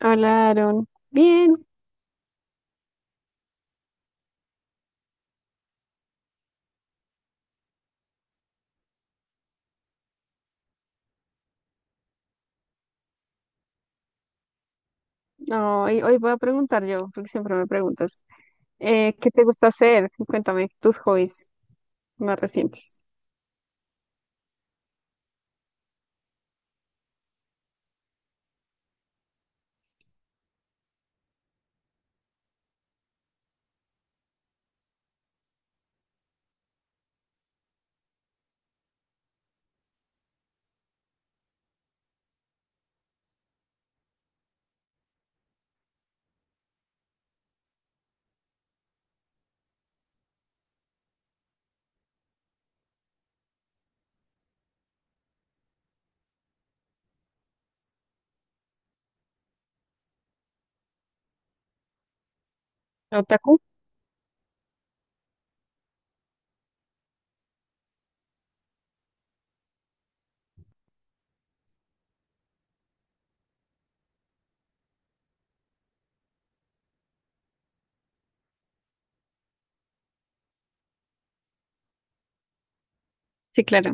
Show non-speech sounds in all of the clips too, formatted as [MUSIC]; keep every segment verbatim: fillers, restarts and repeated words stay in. Hola, Aaron. Bien. No, hoy, hoy voy a preguntar yo, porque siempre me preguntas. Eh, ¿qué te gusta hacer? Cuéntame tus hobbies más recientes. ¿Otaku? Sí, claro.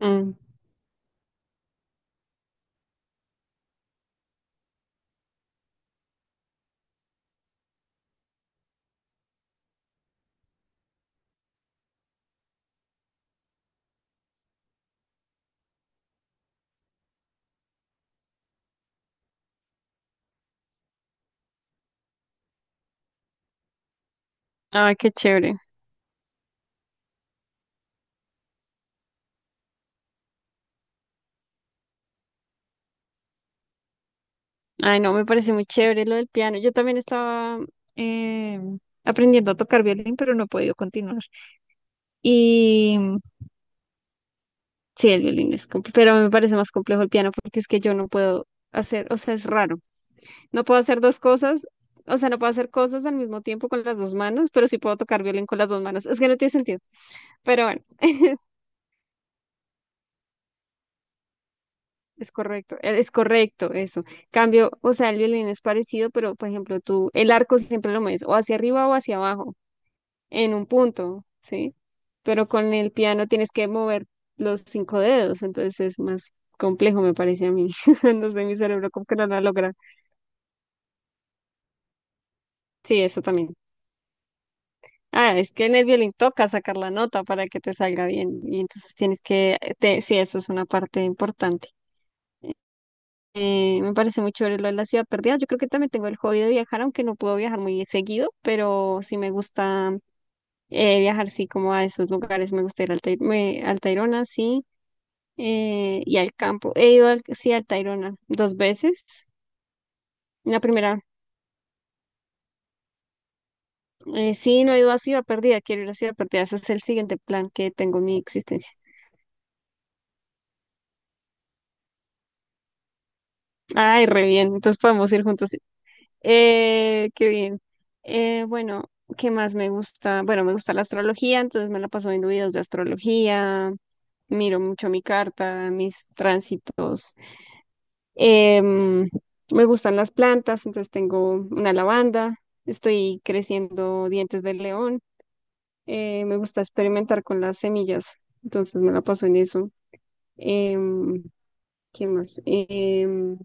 Mm. Ah, qué chévere. Ay, no, me parece muy chévere lo del piano. Yo también estaba eh, aprendiendo a tocar violín, pero no he podido continuar. Y mm, sí, el violín es complejo, pero me parece más complejo el piano porque es que yo no puedo hacer, o sea, es raro. No puedo hacer dos cosas, o sea, no puedo hacer cosas al mismo tiempo con las dos manos, pero sí puedo tocar violín con las dos manos. Es que no tiene sentido, pero bueno, es correcto, eh, es correcto eso. Cambio, o sea, el violín es parecido, pero por ejemplo, tú, el arco siempre lo mueves o hacia arriba o hacia abajo, en un punto, ¿sí? Pero con el piano tienes que mover los cinco dedos, entonces es más complejo, me parece a mí. [LAUGHS] No sé, mi cerebro como que no lo logra. Sí, eso también. Ah, es que en el violín toca sacar la nota para que te salga bien. Y entonces tienes que, te- sí, eso es una parte importante. Eh, me parece muy chévere lo de la ciudad perdida. Yo creo que también tengo el hobby de viajar, aunque no puedo viajar muy seguido, pero sí me gusta eh, viajar, sí, como a esos lugares. Me gusta ir al Tai- me- al Tayrona, sí, eh, y al campo. He ido, al, sí, al Tayrona dos veces. La primera, eh, sí, no he ido a Ciudad Perdida, quiero ir a Ciudad Perdida. Ese es el siguiente plan que tengo en mi existencia. Ay, re bien. Entonces podemos ir juntos. Eh, qué bien. Eh, bueno, ¿qué más me gusta? Bueno, me gusta la astrología, entonces me la paso viendo videos de astrología, miro mucho mi carta, mis tránsitos. Em, Me gustan las plantas, entonces tengo una lavanda, estoy creciendo dientes de león. Eh, me gusta experimentar con las semillas, entonces me la paso en eso. Em, ¿Qué más? Em,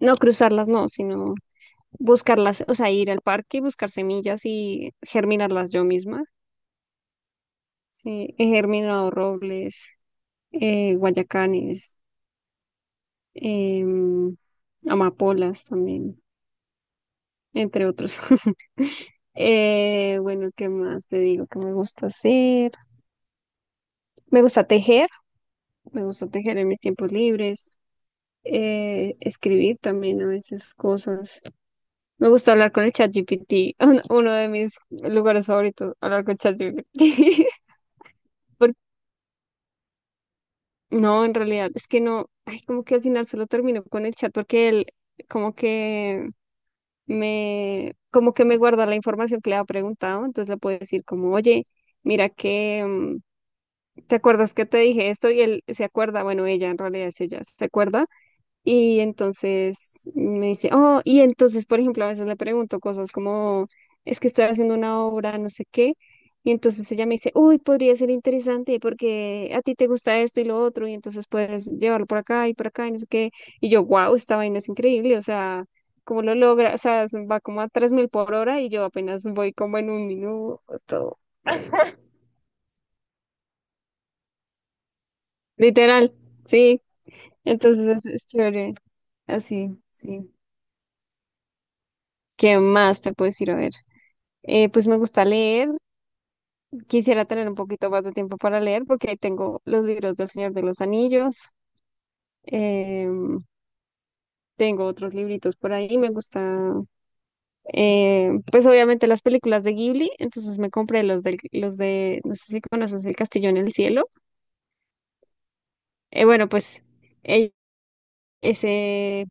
No cruzarlas, no, sino buscarlas, o sea, ir al parque y buscar semillas y germinarlas yo misma. Sí, he germinado robles, eh, guayacanes, em, amapolas también, entre otros. [LAUGHS] Eh, bueno, ¿qué más te digo que me gusta hacer? Me gusta tejer, me gusta tejer en mis tiempos libres, eh, escribir también a veces cosas. Me gusta hablar con el ChatGPT, [LAUGHS] un- uno de mis lugares favoritos, hablar con ChatGPT. [LAUGHS] No, en realidad es que no, ay, como que al final solo termino con el chat porque él como que me, como que me guarda la información que le ha preguntado, entonces le puedo decir como, oye, mira que, mm, ¿te acuerdas que te dije esto? Y él se acuerda, bueno, ella en realidad es ella, se acuerda y entonces me dice, oh, y entonces, por ejemplo, a veces le pregunto cosas como, es que estoy haciendo una obra, no sé qué. Y entonces ella me dice, uy, podría ser interesante porque a ti te gusta esto y lo otro, y entonces puedes llevarlo por acá y por acá y no sé qué. Y yo, wow, esta vaina es increíble, o sea, ¿cómo lo logra? O sea, se va como a tres mil por hora y yo apenas voy como en un minuto. Literal, sí. Entonces es, es chévere, así, sí. ¿Qué más te puedo decir? A ver. Eh, pues me gusta leer, quisiera tener un poquito más de tiempo para leer porque ahí tengo los libros del Señor de los Anillos, em, tengo otros libritos por ahí, me gusta, em, pues obviamente las películas de Ghibli, entonces me compré los de, los de, no sé si conoces El Castillo en el Cielo. Eh, bueno, pues el- ese,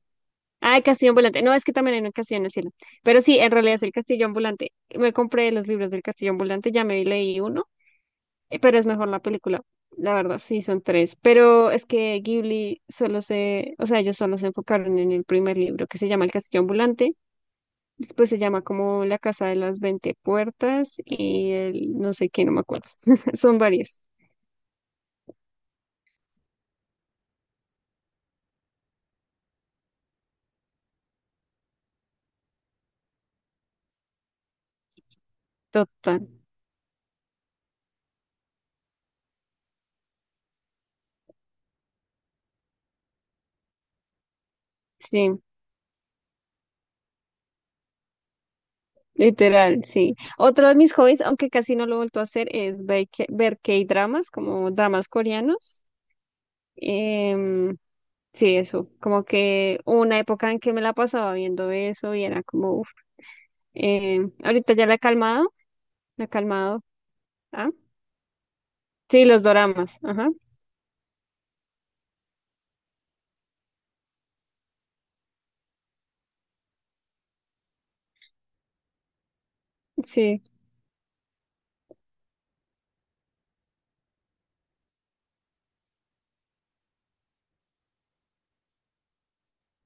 ah, El Castillo Ambulante, no, es que también hay un Castillo en el Cielo, pero sí, en realidad es El Castillo Ambulante, me compré los libros del Castillo Ambulante, ya me leí uno. Eh, Pero es mejor la película. La verdad, sí, son tres. Pero es que Ghibli solo se, o sea, ellos solo se enfocaron en el primer libro, que se llama El Castillo Ambulante. Después se llama como La Casa de las Veinte Puertas y el no sé qué, no me acuerdo. [LAUGHS] Son varios. Total. Sí, literal, sí. Otro de mis hobbies, aunque casi no lo he vuelto a hacer, es ver, K- ver K-dramas, como dramas coreanos. Em, sí, eso. Como que hubo una época en que me la pasaba viendo eso y era como. Eh, ahorita ya la he calmado, la he calmado. Ah, sí, los doramas, ajá, sí.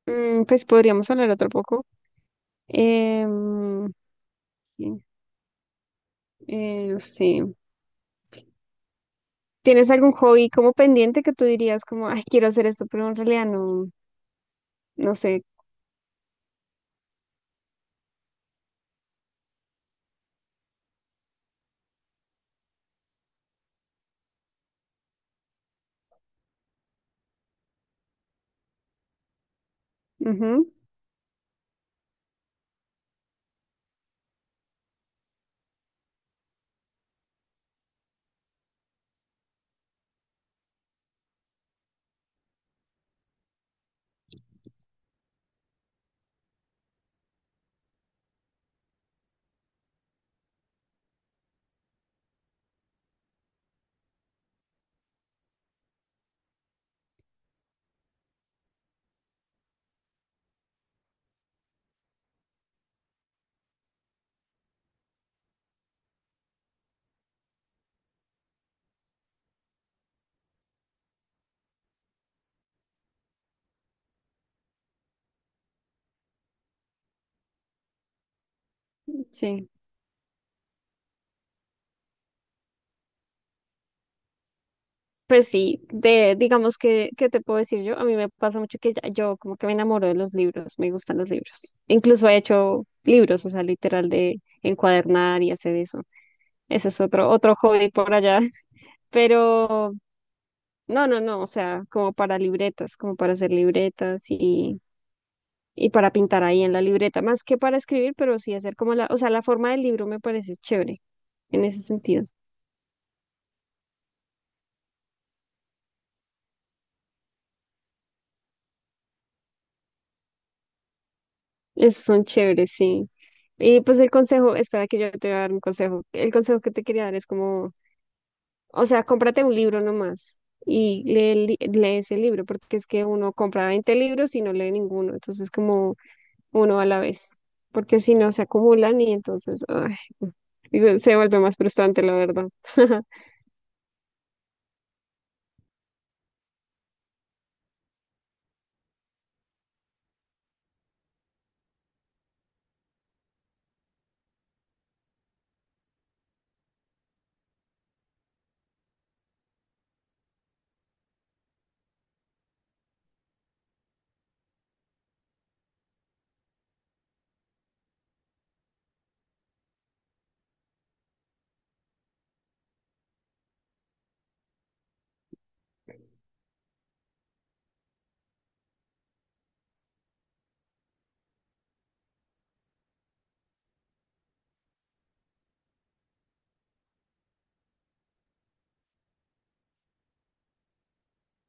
Mm, pues podríamos hablar otro poco. Em, sí, eh, no sé. ¿Tienes algún hobby como pendiente que tú dirías como, ay, quiero hacer esto, pero en realidad no, no sé? Ujú, sí. Pues sí, de, digamos que, ¿qué te puedo decir yo? A mí me pasa mucho que ya- yo como que me enamoro de los libros, me gustan los libros. Incluso he hecho libros, o sea, literal de encuadernar y hacer eso. Ese es otro, otro hobby por allá. [LAUGHS] Pero no, no, no, o sea, como para libretas, como para hacer libretas y, y para pintar ahí en la libreta, más que para escribir, pero sí hacer como la, o sea, la forma del libro me parece chévere en ese sentido. Esos son chéveres, sí. Y pues el consejo, espera que yo te voy a dar un consejo. El consejo que te quería dar es como, o sea, cómprate un libro nomás y lee, el li- lees el libro, porque es que uno compra veinte libros y no lee ninguno. Entonces, como uno a la vez, porque si no se acumulan y entonces ay, digo, se vuelve más frustrante, la verdad. [LAUGHS]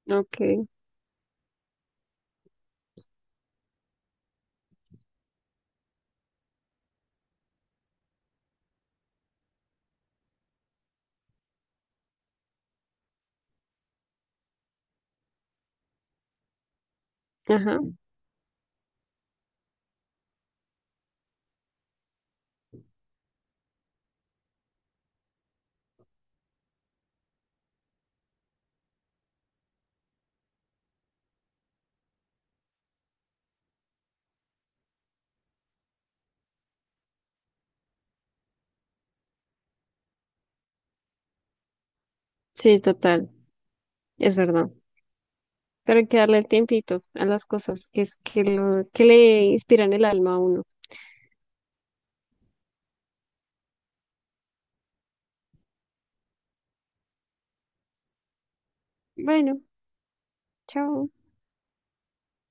Ok, ajá, sí, total, es verdad. Pero hay que darle el tiempito a las cosas que es que lo que le inspiran el alma a uno. Bueno, chao.